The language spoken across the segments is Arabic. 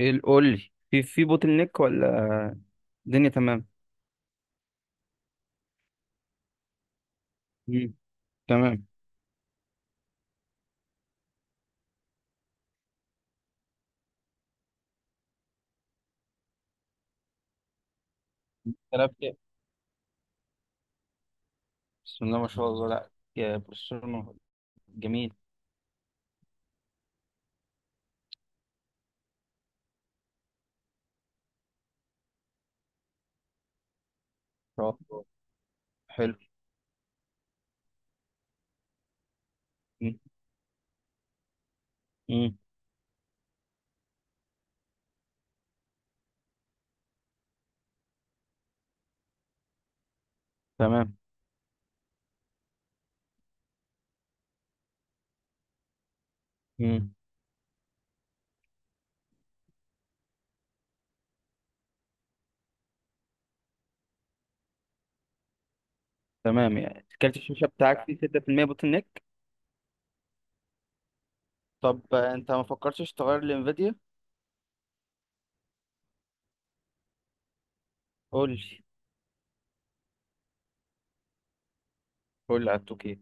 ايه قول لي في بوتل نيك ولا الدنيا تمام. مم. تمام. كلام كده. بسم الله ما شاء الله، لا يا بروسيرنو. جميل. رائع. حلو. مم. مم. تمام. مم. تمام، يعني كارت الشاشه بتاعك فيه 6% بوتل نيك؟ طب انت ما فكرتش تغير لانفيديا؟ قول لي. قول لي على التوكي.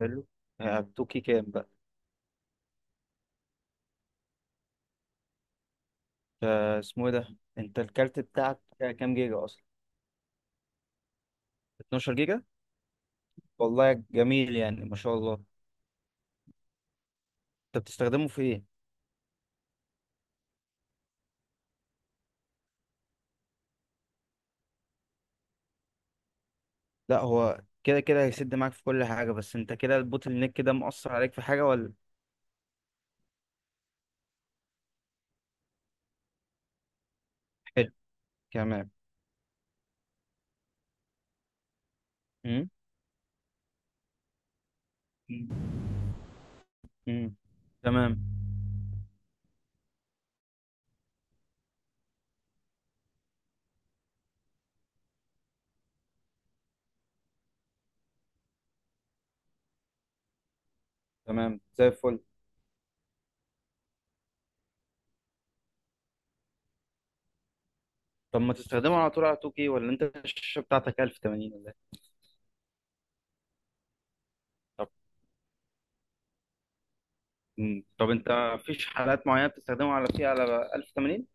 حلو. على التوكي كام بقى؟ اسمه ايه ده؟ انت الكارت بتاعك كام جيجا اصلا؟ 12 جيجا؟ والله جميل، يعني ما شاء الله. انت بتستخدمه في ايه؟ لا، هو كده كده هيسد معاك في كل حاجة، بس انت كده البوتل نيك كده مؤثر عليك في حاجة ولا؟ حلو. كمان. امم. مم. امم. تمام. تمام، زي الفل. طب ما تستخدمه على طول على 2K ولا انت الشاشة بتاعتك 1080 ولا ايه؟ طب. مم. طب انت مفيش حالات معينة بتستخدمه على فيها على 1080؟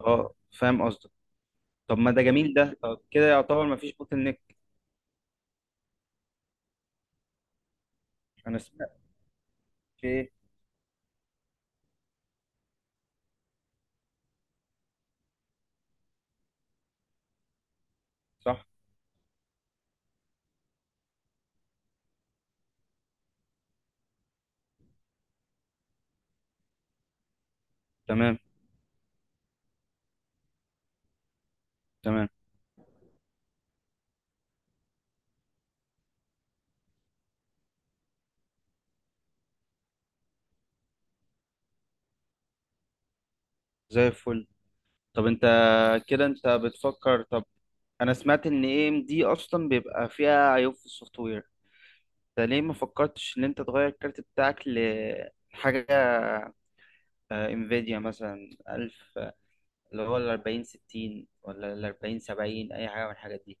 اه، فاهم قصدك. طب ما ده جميل ده، طب كده يعتبر مفيش بوتل نيك. انا سمعت. في ايه؟ صح. تمام. تمام، زي الفل. طب انت كده انت بتفكر، طب انا سمعت ان اي ام دي اصلا بيبقى فيها عيوب في السوفت وير. انت ليه ما فكرتش ان انت تغير الكارت بتاعك لحاجه انفيديا، مثلا 1000 اللي هو ال 40 60، ولا ال 40 70، اي حاجه من الحاجات دي؟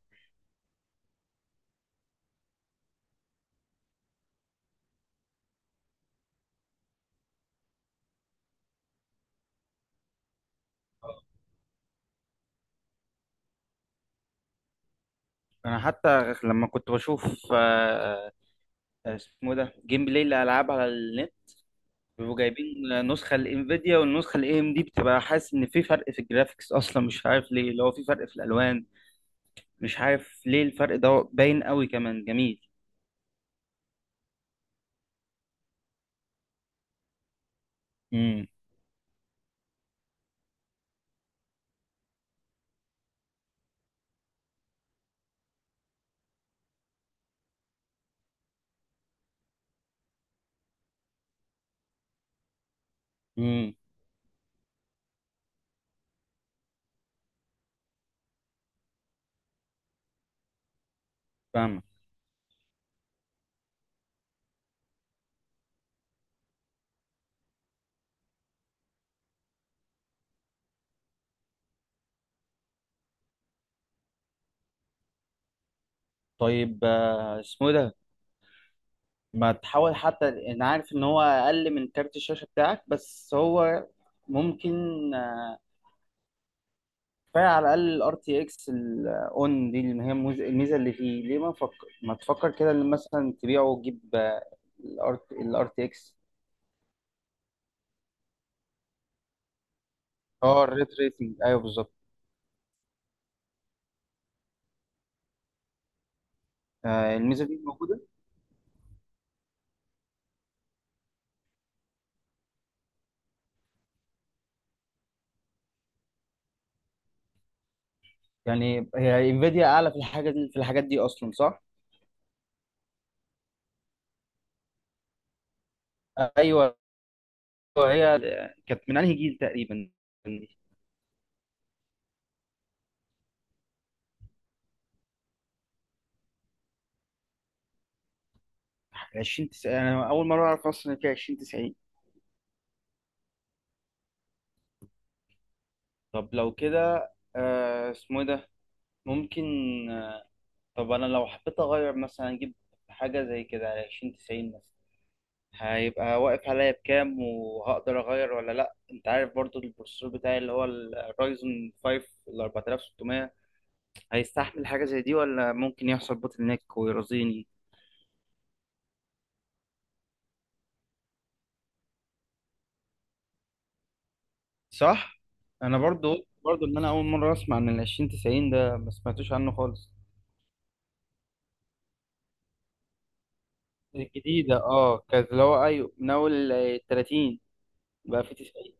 انا حتى لما كنت بشوف اسمه إيه ده، جيم بلاي للالعاب على النت، بيبقوا جايبين نسخه الانفيديا والنسخه الاي ام دي، بتبقى حاسس ان في فرق في الجرافيكس اصلا، مش عارف ليه، اللي هو في فرق في الالوان. مش عارف ليه الفرق ده باين قوي كمان. جميل. امم. امم. فاهمك. طيب، اسمه إيه ده، ما تحاول. حتى انا عارف ان هو اقل من كارت الشاشه بتاعك، بس هو ممكن آه، كفايه، على الاقل الار تي اكس الاون دي، اللي هي الميزه اللي فيه. ليه ما تفكر كده ان مثلا تبيعه وتجيب الار تي اكس؟ اه، الريت ريسنج، ايوه بالظبط. الميزه دي موجوده. يعني هي انفيديا اعلى في الحاجه دي، في الحاجات دي اصلا، صح؟ ايوه. هي كانت من انهي جيل تقريبا؟ 20 90؟ انا اول مره اعرف اصلا ان في 20 90. طب لو كده اسمه ايه ده، ممكن آه طب انا لو حبيت اغير، مثلا اجيب حاجه زي كده على 20 90 مثلا، هيبقى واقف عليا بكام، وهقدر اغير ولا لا؟ انت عارف برضو البروسيسور بتاعي اللي هو الرايزون 5 ال 4600، هيستحمل حاجه زي دي ولا ممكن يحصل بوتل نيك ويرضيني؟ صح. انا برضو قلت، برضو ان انا اول مره اسمع عن ال 20 90 ده، ما سمعتوش عنه خالص. الجديده اه، كانت اللي هو ايوه، من اول 30، بقى في 90.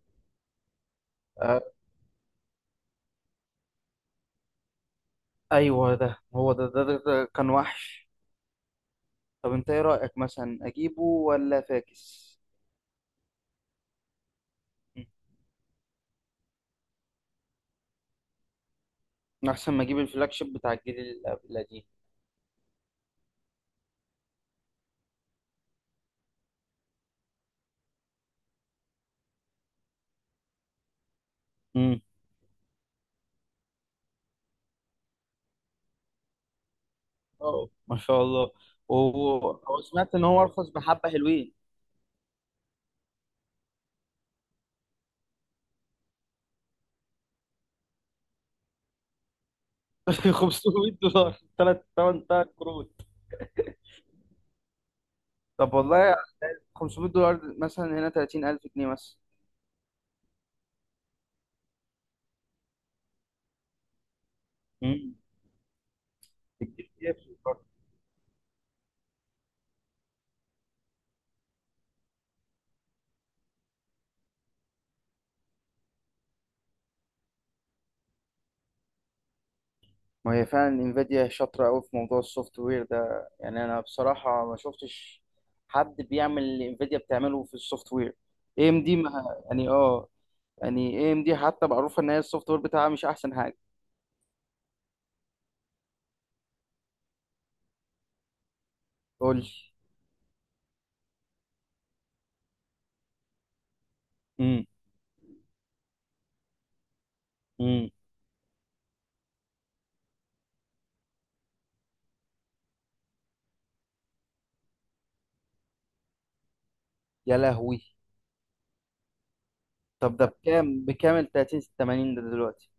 آه ايوه، ده هو ده, كان وحش. طب انت ايه رايك، مثلا اجيبه ولا فاكس؟ مم. احسن ما اجيب الفلاج شيب بتاع الجيل القديم. امم. اه، ما شاء الله. و- وسمعت ان هو ارخص، بحبه حلوين. $500، ثلاث ثمان ثلاث كروت. طب والله، $500 مثلا هنا 30,000 جنيه مثلا. مم. كتير. كتير برضه. ما هي فعلا انفيديا شاطرة أوي في موضوع السوفت وير ده، يعني أنا بصراحة ما شفتش حد بيعمل اللي انفيديا بتعمله في السوفت وير. اي ام دي ما، يعني اه، يعني اي ام دي حتى معروفة إن هي السوفت وير بتاعها مش أحسن حاجة. قول لي. مم. مم. يا لهوي. طب ده بكام، ال 30 80 ده دلوقتي؟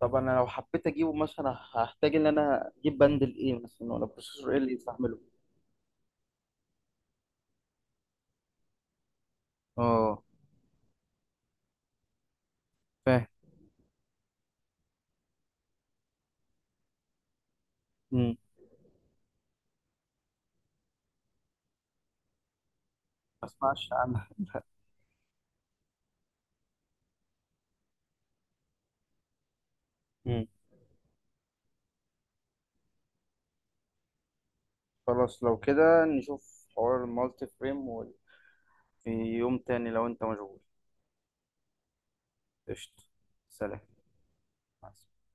طب أنا لو حبيت أجيبه مثلا، هحتاج إن أنا أجيب بندل إيه مثلا، ولا بروسيسور إيه اللي يستحمله؟ اه، فاهم. مم. ما اسمعش عنها. مم. خلاص، لو كده نشوف حوار المالتي فريم في يوم تاني، لو انت مشغول. قشطة. سلام. مع السلامة.